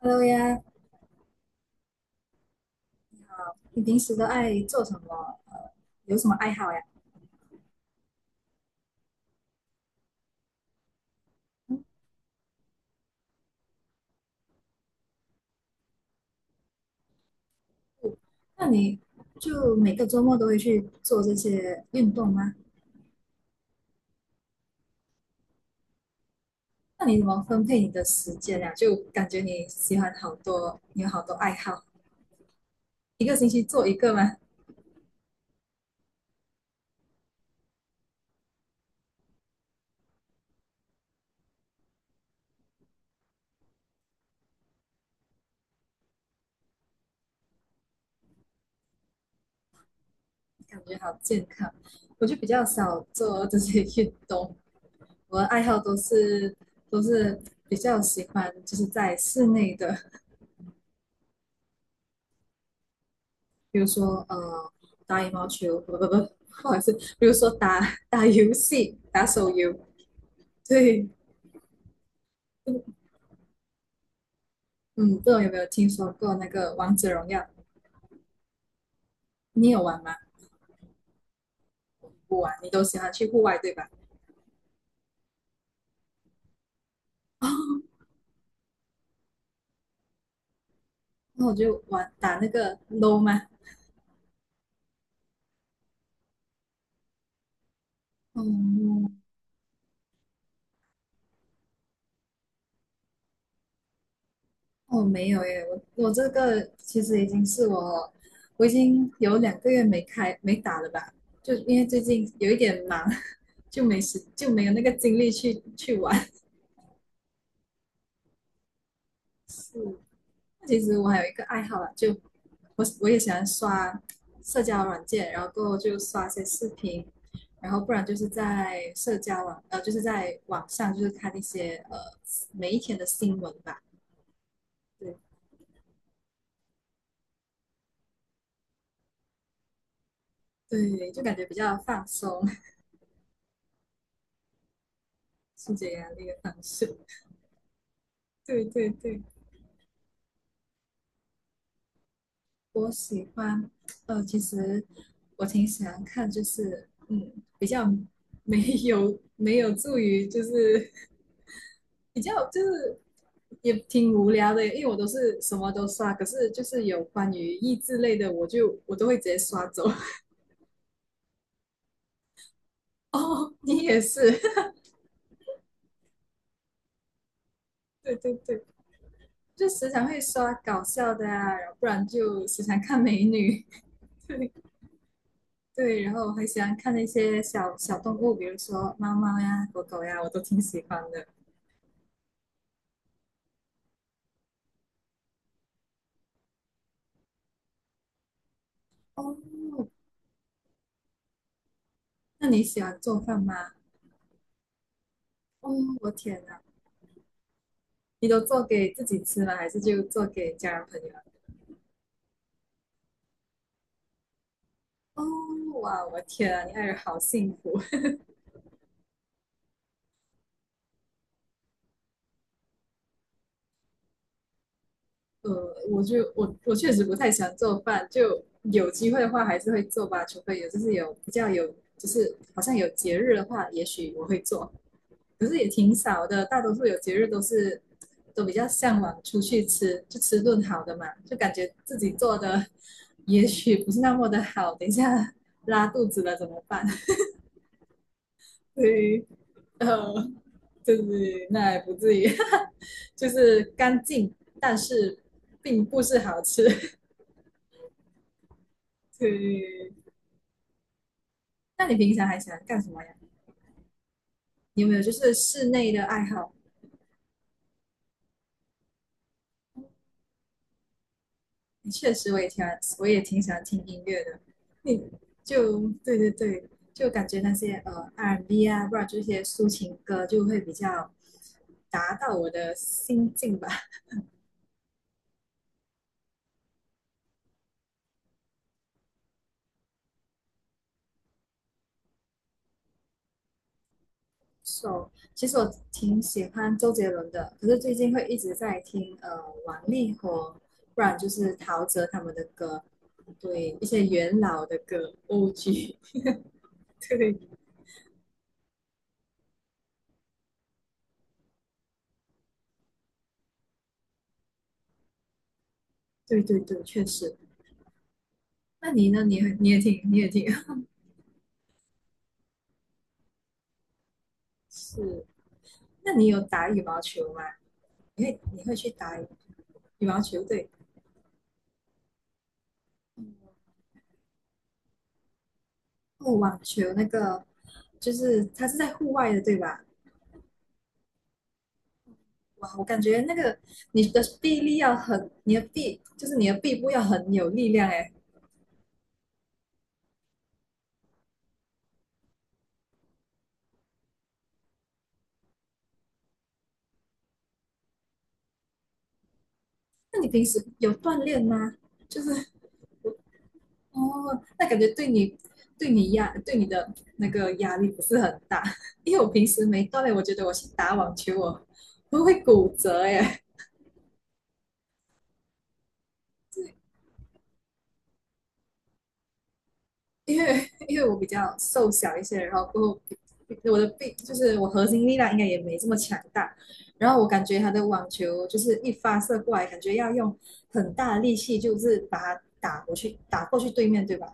Hello 呀，你平时都爱做什么？有什么爱好呀？嗯，那你就每个周末都会去做这些运动吗？那你怎么分配你的时间呀？就感觉你喜欢好多，你有好多爱好，一个星期做一个吗？感觉好健康。我就比较少做这些运动，我的爱好都是比较喜欢就是在室内的，比如说打羽毛球，不不不，或者是比如说打 打游戏、打手游，对。嗯，不知道有没有听说过那个王者荣耀？你有玩吗？不玩，你都喜欢去户外对吧？哦，那我就玩打那个 LO 吗？嗯，我没有耶，我这个其实已经是我，我已经有两个月没开没打了吧，就因为最近有一点忙。就没时就没有那个精力去玩。是，其实我还有一个爱好啦，就我也喜欢刷社交软件，然后过后就刷些视频，然后不然就是在社交网呃就是在网上就是看一些每一天的新闻吧。对对，就感觉比较放松。疏解压力的方式。对对对，我喜欢其实我挺喜欢看，就是嗯比较没没有助于就是比较就是也挺无聊的，因为我都是什么都刷，可是就是有关于益智类的，我都会直接刷走。哦，你也是。对对对，就时常会刷搞笑的啊，然后不然就时常看美女。对对，然后还喜欢看那些小小动物，比如说猫猫呀、狗狗呀，我都挺喜欢的。哦，那你喜欢做饭吗？哦，我天哪，你都做给自己吃吗？还是就做给家人朋友？哦，哇，我天啊，你爱人好幸福。我就我确实不太喜欢做饭，就有机会的话还是会做吧，除非有就是有比较有就是好像有节日的话，也许我会做，可是也挺少的，大多数有节日都是都比较向往出去吃，就吃顿好的嘛，就感觉自己做的 也许不是那么的好，等一下 拉肚子了怎么办？对，呃，就是那也不至于。就是干净，但是并不是好吃。对。那你平常还喜欢干什么呀？你有没有就是室内的爱好？确实，我也挺喜欢听音乐的。你对对对，就感觉那些R&B 啊，不然就一些抒情歌，就会比较达到我的心境吧。So,其实我挺喜欢周杰伦的，可是最近会一直在听王力宏，不然就是陶喆他们的歌，对一些元老的歌，OG。对。对对对，确实。那你呢？你也挺 是。那你有打羽毛球吗？你会去打羽毛球？对，哦，网球那个就是它是在户外的，对吧？哇，我感觉那个你的臂力要很，你的臂部要很有力量哎。那你平时有锻炼吗？就是哦，那感觉对你对你压对你的那个压力不是很大。因为我平时没锻炼，我觉得我去打网球我会骨折耶。因为我比较瘦小一些，然后过后我的臂就是我核心力量应该也没这么强大，然后我感觉他的网球就是一发射过来，感觉要用很大的力气，就是把它打过去，打过去对面，对吧？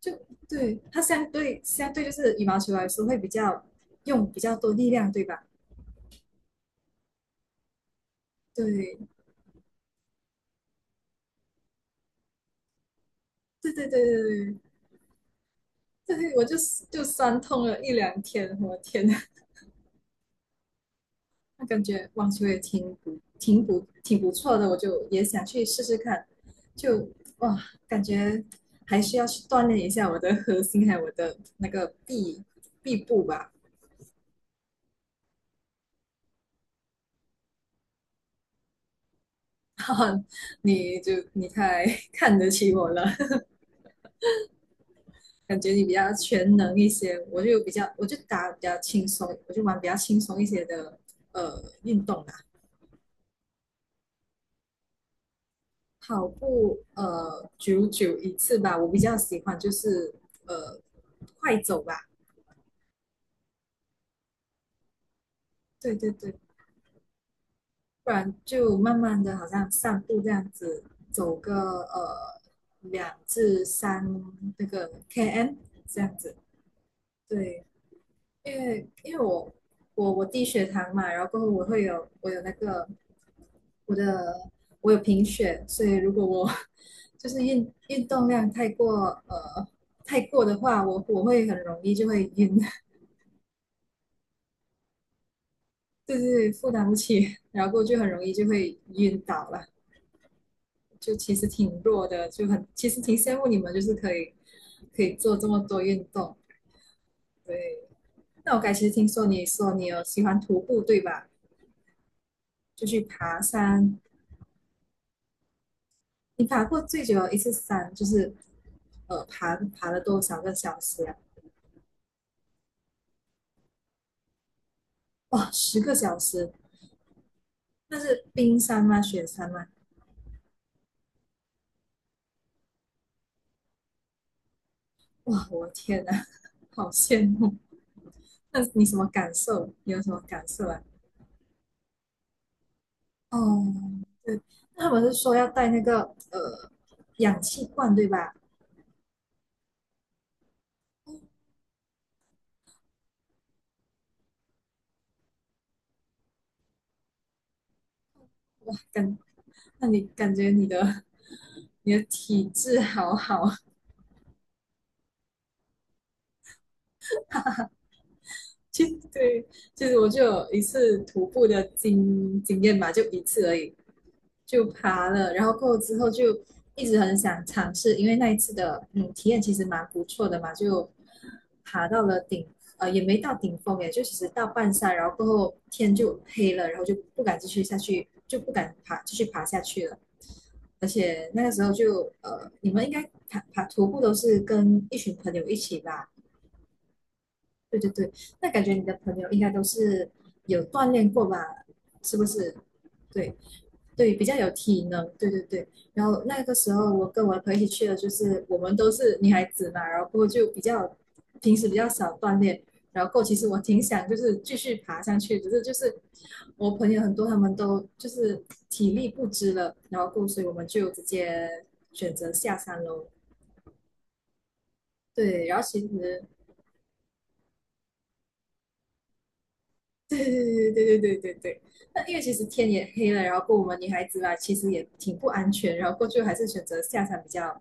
就对，它相对就是羽毛球来说会比较用比较多力量，对吧？对对对对对对，对我就酸痛了一两天，我天呐。那感觉网球也挺不错的，我就也想去试试看，就哇，感觉还是要去锻炼一下我的核心，还有我的那个臂部吧。哈哈，你太 看得起我了。感觉你比较全能一些，我就打比较轻松，我就玩比较轻松一些的运动啦。跑步久久一次吧，我比较喜欢就是呃快走吧，对对对，不然就慢慢的好像散步这样子，走个呃两至三那个 km 这样子，对，因为因为我我低血糖嘛，然后过后我有那个我的我有贫血，所以如果我就是运动量太过的话，我会很容易就会晕。对对对，负担不起，然后就很容易就会晕倒了。就其实挺弱的，其实挺羡慕你们，就是可以做这么多运动。对，那我刚才其实听说你说你有喜欢徒步，对吧？就去爬山，你爬过最久的一次山就是爬了多少个小时啊？哇，十个小时，那是冰山吗？雪山吗？哇，我的天呐。好羡慕！那你什么感受？你有什么感受啊？哦，对，那他们是说要带那个呃氧气罐，对吧？哇，那你感觉你的 你的体质好好。其对，其实我就有一次徒步的经验吧，就一次而已，就爬了，然后过后之后就一直很想尝试，因为那一次的体验其实蛮不错的嘛，就爬到了顶，也没到顶峰耶，就其实到半山，然后过后天就黑了，然后就不敢继续下去，就不敢爬继续爬下去了。而且那个时候就你们应该徒步都是跟一群朋友一起吧？对对对，那感觉你的朋友应该都是有锻炼过吧？是不是？对对，比较有体能。对对对。然后那个时候，我跟我的朋友一起去的，就是我们都是女孩子嘛，然后过后就比较平时比较少锻炼，然后过后其实我挺想就是继续爬上去，只是就是我朋友很多他们都就是体力不支了，然后过后所以我们就直接选择下山喽。对，然后其实 对对对对对对对对。那因为其实天也黑了，然后过我们女孩子嘛，其实也挺不安全，然后过去还是选择下山比较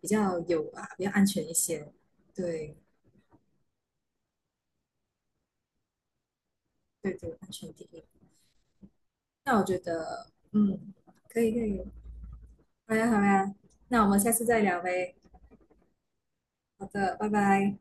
比较有啊，比较安全一些。对对对，安全第一。那我觉得，嗯，可以可以，好呀好呀，那我们下次再聊呗。好的，拜拜。